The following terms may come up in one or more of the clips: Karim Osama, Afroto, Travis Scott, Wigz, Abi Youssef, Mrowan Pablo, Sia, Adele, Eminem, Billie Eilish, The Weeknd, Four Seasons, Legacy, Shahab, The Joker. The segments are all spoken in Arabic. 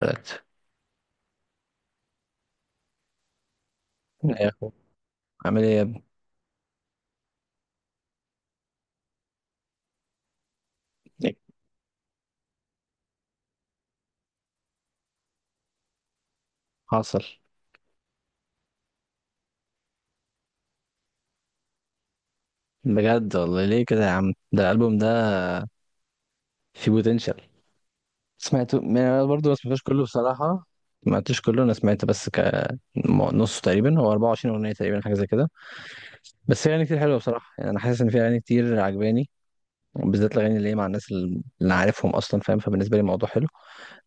ثلاثة. لا يا أخو، عامل إيه يا ابني؟ إيه؟ حاصل. بجد والله، ليه كده يا عم؟ ده الألبوم ده فيه بوتنشال. سمعته ما- أنا برضه ما سمعتوش كله بصراحة، ما سمعتوش كله. أنا سمعت بس نصه تقريبا، هو 24 أغنية تقريبا، حاجة زي كده. بس في أغاني كتير حلوة بصراحة، يعني أنا حاسس إن في أغاني كتير عجباني، بالذات الأغاني اللي هي مع الناس اللي أنا عارفهم أصلا فاهم. فبالنسبة لي الموضوع حلو،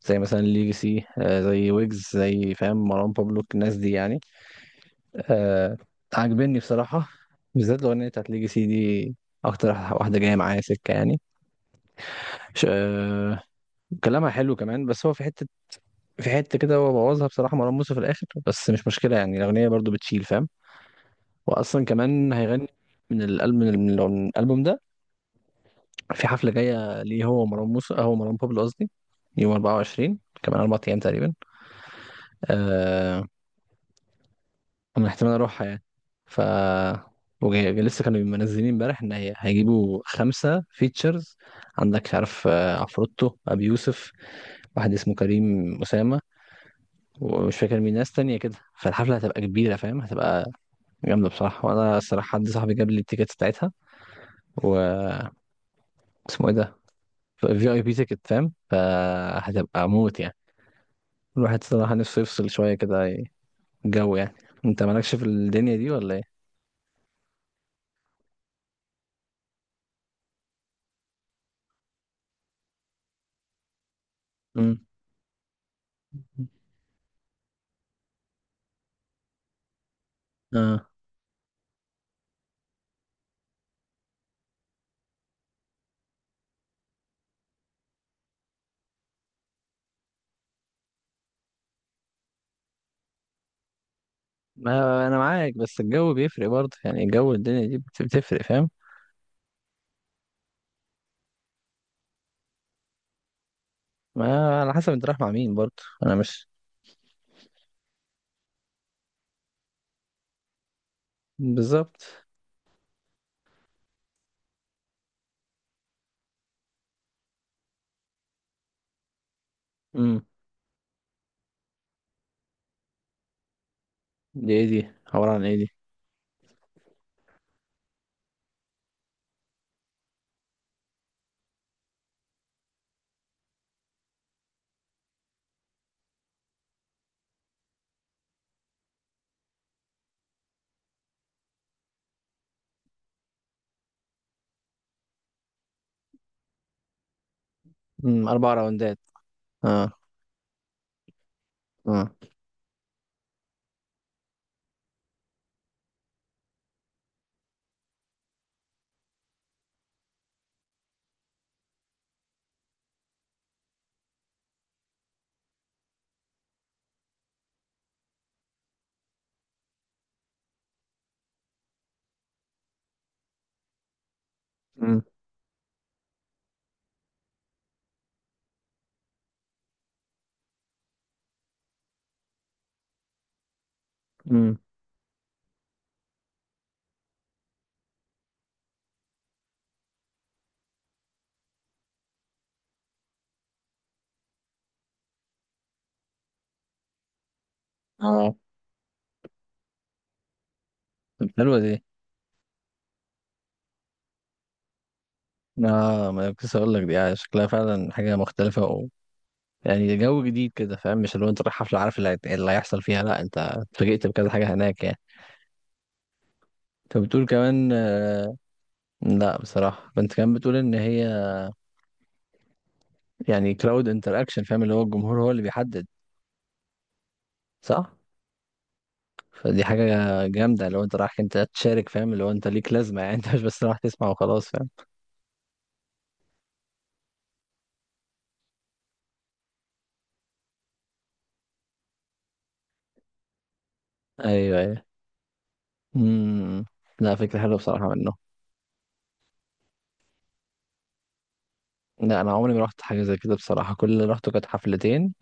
زي مثلا ليجاسي، زي ويجز، زي فاهم مروان بابلو، الناس دي يعني. آه، عاجبني بصراحة، بالذات الأغنية بتاعت ليجي سي دي، أكتر واحدة جاية معايا سكة يعني. ش... آه كلامها حلو كمان، بس هو في حتة، في حتة كده هو بوظها بصراحة مروان موسى في الآخر، بس مش مشكلة يعني، الأغنية برضو بتشيل فاهم. وأصلا كمان هيغني من الألبوم، من الألبوم ده، في حفلة جاية ليه هو ومروان موسى، هو مروان بابلو قصدي، يوم 24، كمان أربع أيام تقريبا. آه، من احتمال اروحها يعني. ف لسه كانوا منزلين امبارح ان هي هيجيبوا خمسه فيتشرز عندك، مش عارف، عفروتو، ابي يوسف، واحد اسمه كريم اسامه، ومش فاكر مين، ناس تانية كده. فالحفله هتبقى كبيره فاهم، هتبقى جامده بصراحه، وانا الصراحه حد صاحبي جاب لي التيكت بتاعتها، و اسمه ايه ده، في اي بي تيكت فاهم، فهتبقى موت يعني. الواحد صراحه نفسه يفصل شويه كده الجو يعني. انت مالكش في الدنيا دي ولا ايه؟ امم، اه. ما انا معاك، بس الجو بيفرق برضه يعني، الجو الدنيا دي بتفرق فاهم. ما على حسب انت رايح مع مين برضه. انا مش، بالظبط. امم، دي ايه دي؟ عبارة عن ايه دي؟ امم، اربع راوندات، اه. اه، امم، امم، اه. طب حلوة دي. اه، ما أنا كنت لسه اقول لك دي، شكلها فعلا حاجة مختلفة و... يعني جو جديد كده فاهم، مش اللي هو انت رايح حفلة عارف اللي هيحصل فيها. لا انت اتفاجئت بكذا حاجة هناك يعني. انت بتقول كمان، لا بصراحة انت كمان بتقول ان هي، يعني كلاود انتراكشن فاهم، اللي هو الجمهور هو اللي بيحدد. صح. فدي حاجة جامدة، لو انت رايح انت تشارك فاهم، اللي هو انت ليك لازمة يعني انت مش بس رايح تسمع وخلاص فاهم. ايوه ايوه. امم. لا فكرة حلوة بصراحة منه. لا انا عمري ما رحت حاجة زي كده بصراحة، كل اللي رحته كانت حفلتين،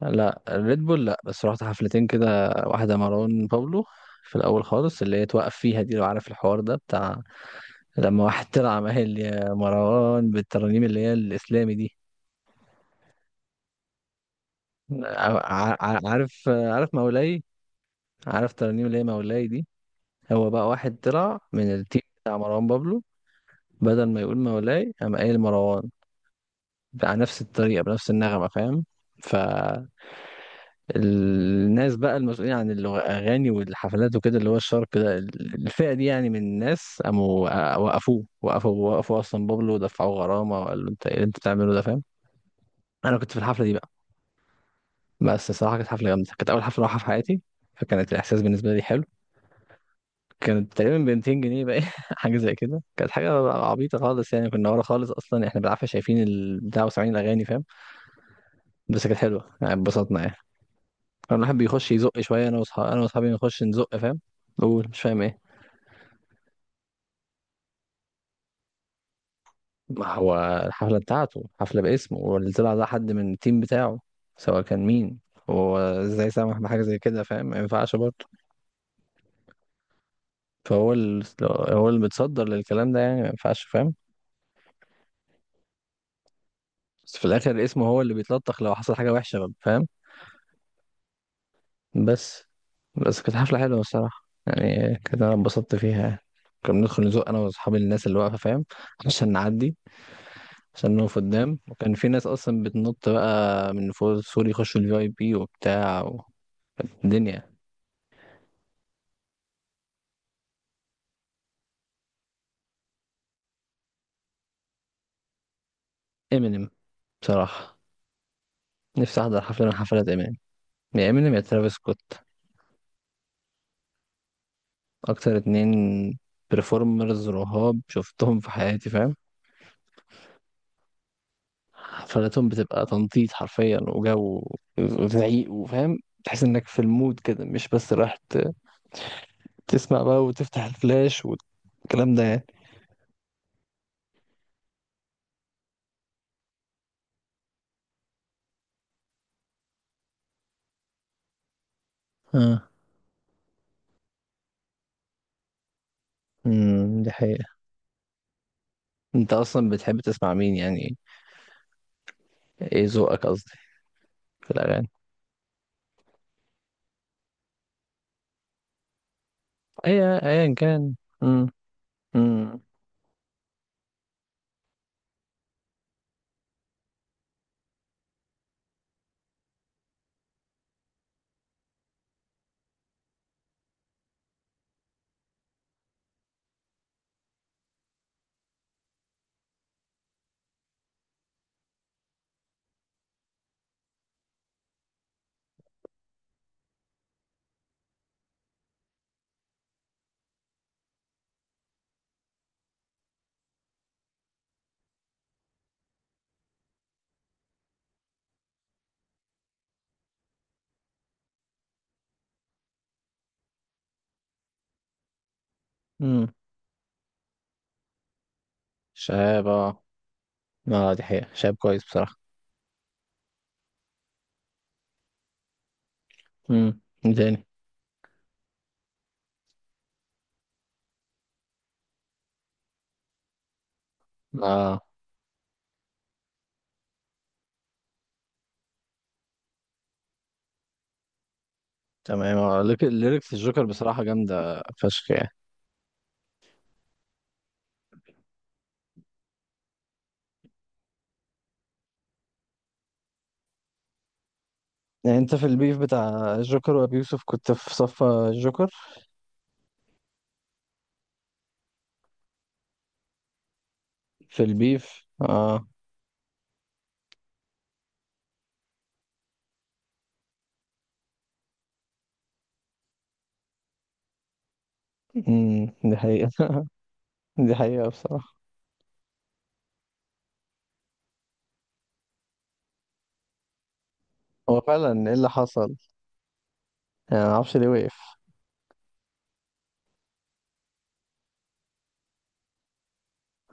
لا ريد بول لا، بس رحت حفلتين كده، واحدة مروان بابلو في الاول خالص، اللي هي توقف فيها دي، لو عارف الحوار ده، بتاع لما واحد طلع قال يا مروان بالترانيم اللي هي الاسلامي دي. عارف مولاي، عارف ترانيم ليه مولاي دي. هو بقى واحد طلع من التيم بتاع مروان بابلو، بدل ما يقول مولاي قام قايل مروان على نفس الطريقة، بنفس النغمة فاهم. فالناس بقى، المسؤولين عن الأغاني والحفلات وكده، اللي هو الشرق ده، الفئة دي يعني من الناس، قاموا وقفوه، وقفوا أصلا بابلو، ودفعوه غرامة، وقال له أنت إيه اللي أنت بتعمله ده فاهم. أنا كنت في الحفلة دي بقى. بس الصراحة كانت حفلة جامدة، كانت أول حفلة أروحها في حياتي، فكانت الإحساس بالنسبة لي حلو. كانت تقريبا ب 200 جنيه بقى حاجه زي كده، كانت حاجه عبيطه خالص يعني، كنا ورا خالص اصلا، احنا بالعافيه شايفين البتاع وسامعين الاغاني فاهم. بس كانت حلوه يعني، اتبسطنا يعني. كان الواحد بيخش يزق شويه، انا واصحابي، انا واصحابي نخش نزق فاهم. بقول مش فاهم ايه؟ ما هو الحفله بتاعته، حفله باسمه، واللي طلع ده حد من التيم بتاعه، سواء كان مين. هو ازاي سامح بحاجه زي كده فاهم، ما ينفعش برضه. فهو ال... هو اللي متصدر للكلام ده يعني، ما ينفعش فاهم. بس في الاخر اسمه هو اللي بيتلطخ لو حصل حاجه وحشه فاهم. بس بس كانت حفلة حلوة الصراحة يعني، كانت أنا اتبسطت فيها يعني. كنا بندخل نزق أنا وأصحابي الناس اللي واقفة فاهم، عشان نعدي، عشان نقف قدام. وكان في ناس أصلا بتنط بقى من فوق سوري، يخشوا الفي أي بي وبتاع و... كانت الدنيا. إمينيم بصراحة، نفسي أحضر حفلة من حفلات إمينيم. يا إمينيم يا ترافيس سكوت، أكتر اتنين بريفورمرز رهاب شفتهم في حياتي فاهم. حفلاتهم بتبقى تنطيط حرفيا، وجو، وزعيق، وفاهم، تحس انك في المود كده، مش بس رايح تسمع بقى وتفتح الفلاش والكلام ده يعني. اه. امم، دي حقيقة. انت اصلا بتحب تسمع مين يعني؟ ايه ذوقك قصدي في الاغاني؟ اي ايا كان. امم. امم. امم. شهاب، اه. اه، دي حقيقة شهاب كويس بصراحة. امم، مين تاني؟ اه. تمام اه، الليركس الجوكر بصراحة جامدة فشخ يعني. يعني انت في البيف بتاع الجوكر وابي يوسف كنت في صف الجوكر؟ في البيف اه. امم، دي حقيقة دي حقيقة بصراحة. هو فعلا ايه اللي حصل؟ يعني معرفش ليه وقف.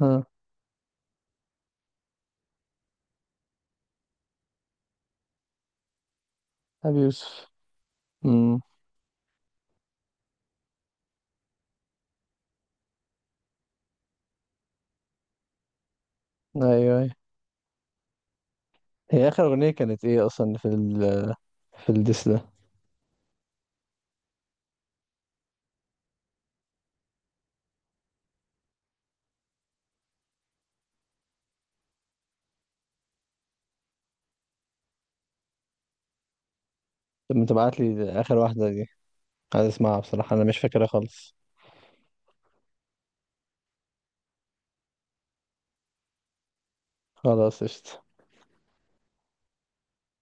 ها. ابي يوسف. امم. ايوه ايوه. هي اخر اغنية كانت ايه اصلا في ال، في الديس ده؟ طب ما تبعت لي اخر واحدة دي، عايز اسمعها بصراحة، انا مش فاكرها خالص. خلاص، قشطة.